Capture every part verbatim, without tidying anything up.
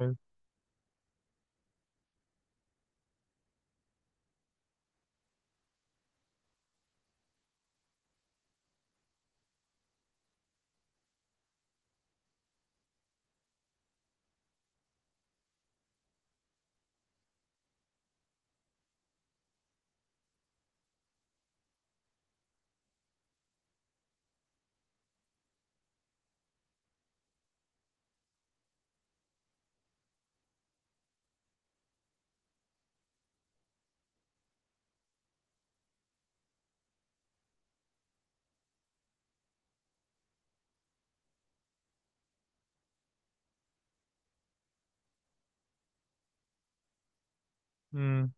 أيوة. أمم.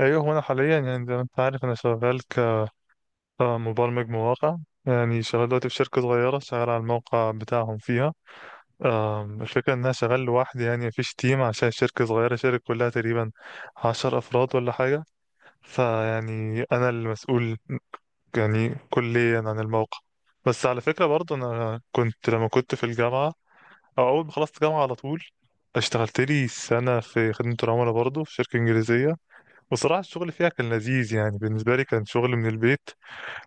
أيوه، هو أنا حاليا يعني زي ما أنت عارف أنا شغال كمبرمج مواقع. يعني شغال دلوقتي في شركة صغيرة، شغال على الموقع بتاعهم فيها. آم، الفكرة إن أنا شغال لوحدي يعني مفيش تيم، عشان شركة صغيرة، شركة كلها تقريبا عشر أفراد ولا حاجة. فيعني أنا المسؤول يعني كليا عن الموقع. بس على فكرة برضه أنا كنت لما كنت في الجامعة أو أول ما خلصت جامعة، على طول اشتغلت لي سنة في خدمة العملاء برضه في شركة إنجليزية. وصراحة الشغل فيها كان لذيذ، يعني بالنسبة لي كان شغل من البيت،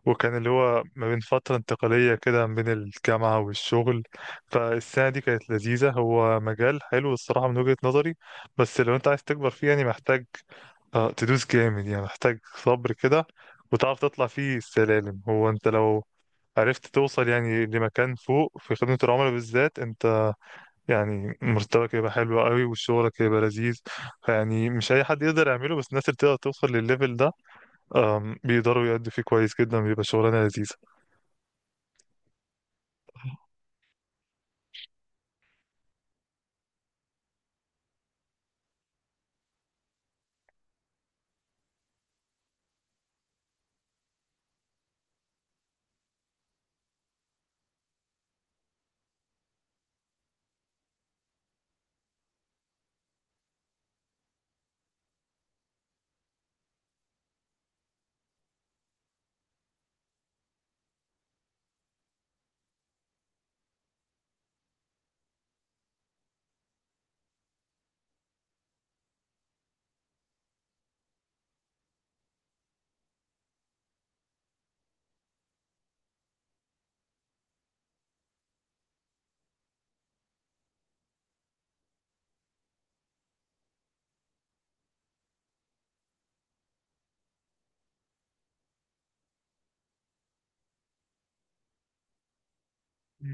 وكان اللي هو ما بين فترة انتقالية كده ما بين الجامعة والشغل. فالسنة دي كانت لذيذة، هو مجال حلو الصراحة من وجهة نظري. بس لو انت عايز تكبر فيه يعني محتاج آه، تدوس جامد، يعني محتاج صبر كده وتعرف تطلع فيه السلالم. هو انت لو عرفت توصل يعني لمكان فوق في خدمة العملاء بالذات، انت يعني مرتبك يبقى حلو قوي وشغلك يبقى لذيذ. يعني مش اي حد يقدر يعمله، بس الناس اللي تقدر توصل للليفل ده أم، بيقدروا يأدوا فيه كويس جدا، بيبقى شغلانه لذيذه.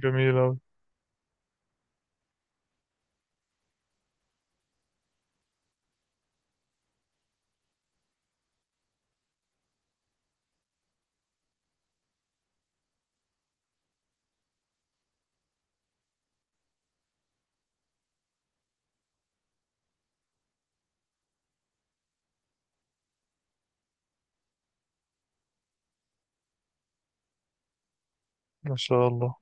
جميل أوي. ما شاء الله.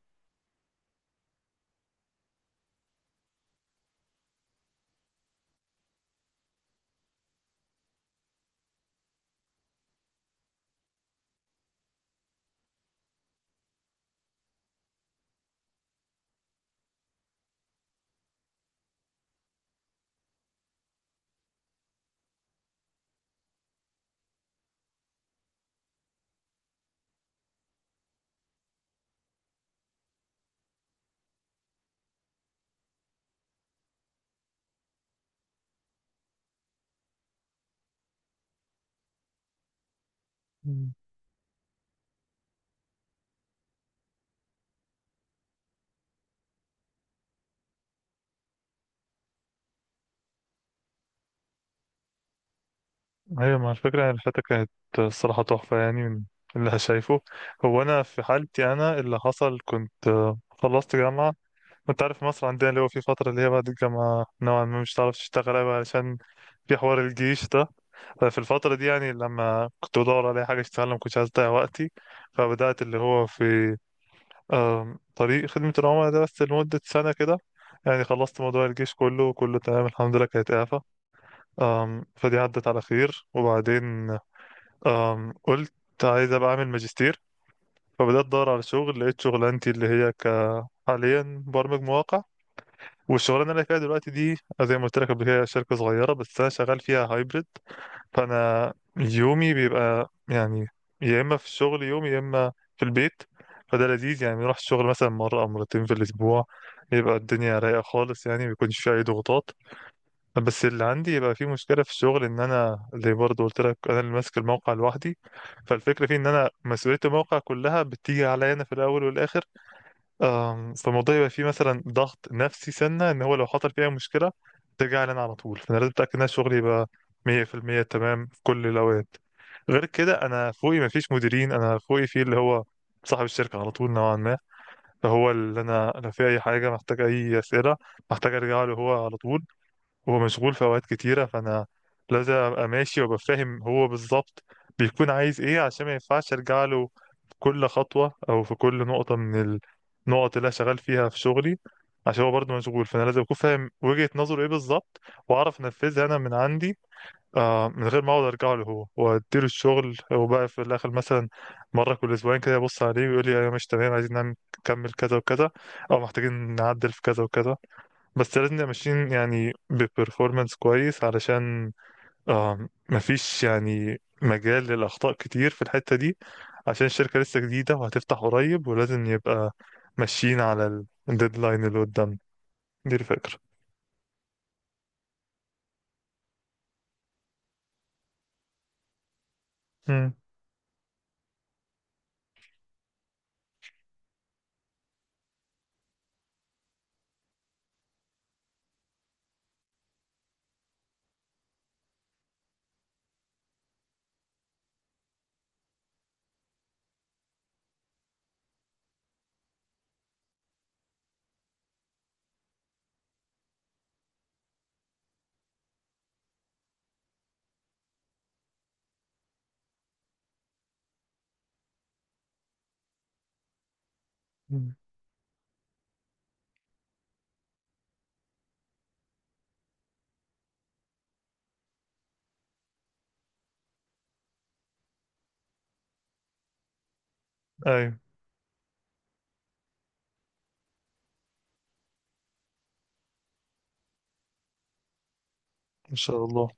مم. أيوة، مع الفكرة يعني الحتة كانت الصراحة تحفة يعني من اللي شايفه. هو أنا في حالتي أنا اللي حصل كنت آه، خلصت جامعة، وأنت عارف مصر عندنا اللي هو في فترة اللي هي بعد الجامعة نوعا ما مش هتعرف تشتغل أوي، علشان في حوار الجيش ده. ففي الفترة دي يعني لما كنت بدور على حاجة اشتغلها ما كنتش عايز أضيع وقتي، فبدأت اللي هو في آم، طريق خدمة العملاء ده بس لمدة سنة كده. يعني خلصت موضوع الجيش كله وكله تمام الحمد لله، كانت إعفاء. آم، فدي عدت على خير، وبعدين آم، قلت عايز أبقى أعمل ماجستير. فبدأت أدور على شغل، لقيت شغلانتي اللي هي ك حاليا برمج مواقع. والشغلانة اللي أنا فيها دلوقتي دي زي ما قلت لك قبل كده شركة صغيرة، بس أنا شغال فيها هايبرد. فانا يومي بيبقى يعني يا اما في الشغل يوم، يا اما في البيت. فده لذيذ، يعني بنروح الشغل مثلا مره او مرتين في الاسبوع، يبقى الدنيا رايقه خالص يعني ما بيكونش فيه اي ضغوطات. بس اللي عندي يبقى فيه مشكله في الشغل، ان انا زي برضه قلت لك، انا اللي ماسك الموقع لوحدي. فالفكره فيه ان انا مسؤوليه الموقع كلها بتيجي عليا انا في الاول والاخر. آم، فالموضوع يبقى فيه مثلا ضغط نفسي، سنة ان هو لو حصل فيها مشكلة ترجع لنا على طول، فانا لازم اتاكد ان أنا شغلي يبقى مية في المية تمام في كل الاوقات. غير كده انا فوقي مفيش مديرين، انا فوقي فيه اللي هو صاحب الشركة على طول نوعا ما. فهو اللي انا لو في اي حاجة، محتاج اي اسئلة، محتاج ارجع له هو على طول. هو مشغول في اوقات كتيره، فانا لازم ابقى ماشي وابقى فاهم هو بالظبط بيكون عايز ايه، عشان ما ينفعش ارجع له في كل خطوه او في كل نقطه من النقط اللي انا شغال فيها في شغلي. عشان هو برضه مشغول، فانا لازم اكون فاهم وجهه نظره ايه بالظبط، واعرف انفذها انا من عندي آه من غير ما اقعد ارجع له هو واديله الشغل. وبقى في الاخر مثلا مره كل اسبوعين كده يبص عليه ويقول لي انا مش تمام، عايزين نعمل- نكمل كذا وكذا، او محتاجين نعدل في كذا وكذا. بس لازم نبقى ماشيين يعني ببرفورمانس كويس، علشان آه مفيش يعني مجال للأخطاء كتير في الحتة دي، عشان الشركة لسه جديدة وهتفتح قريب، ولازم يبقى ماشيين على الديدلاين اللي قدامنا. دي الفكرة. مم. مم. أيوة. إن شاء الله.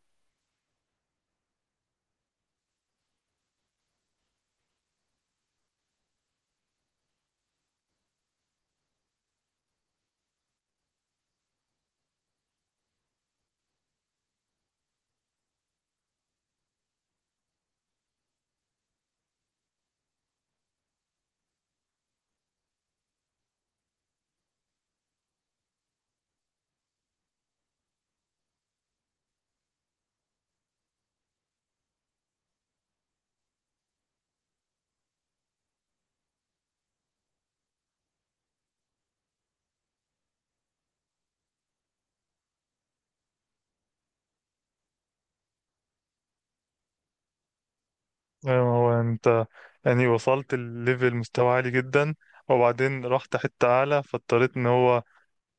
أيوة، هو أنت يعني وصلت الليفل مستوى عالي جدا، وبعدين رحت حتة أعلى فاضطريت إن هو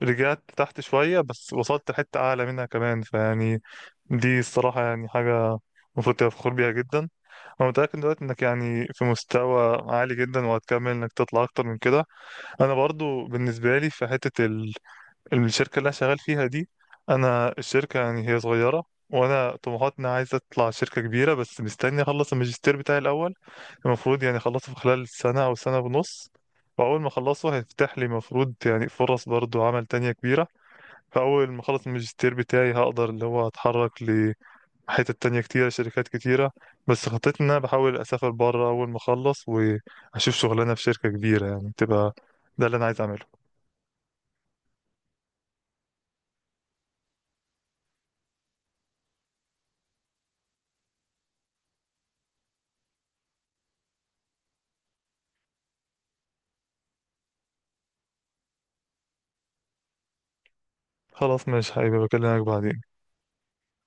رجعت تحت شوية، بس وصلت حتة أعلى منها كمان، فيعني دي الصراحة يعني حاجة المفروض تبقى فخور بيها جدا. أنا متأكد دلوقتي إنك يعني في مستوى عالي جدا، وهتكمل إنك تطلع أكتر من كده. أنا برضو بالنسبة لي في حتة ال... الشركة اللي أنا شغال فيها دي، أنا الشركة يعني هي صغيرة، وأنا طموحاتنا عايز أطلع شركة كبيرة، بس مستني أخلص الماجستير بتاعي الأول. المفروض يعني أخلصه في خلال سنة أو سنة ونص، وأول ما أخلصه هيفتح لي المفروض يعني فرص برضو عمل تانية كبيرة. فأول ما أخلص الماجستير بتاعي هقدر اللي هو أتحرك لحتت تانية كتيرة شركات كتيرة. بس خطتي إن أنا بحاول أسافر بره أول ما أخلص وأشوف شغلانة في شركة كبيرة يعني تبقى، ده اللي أنا عايز أعمله. خلاص ماشي، هيبقى بكلمك بعدين.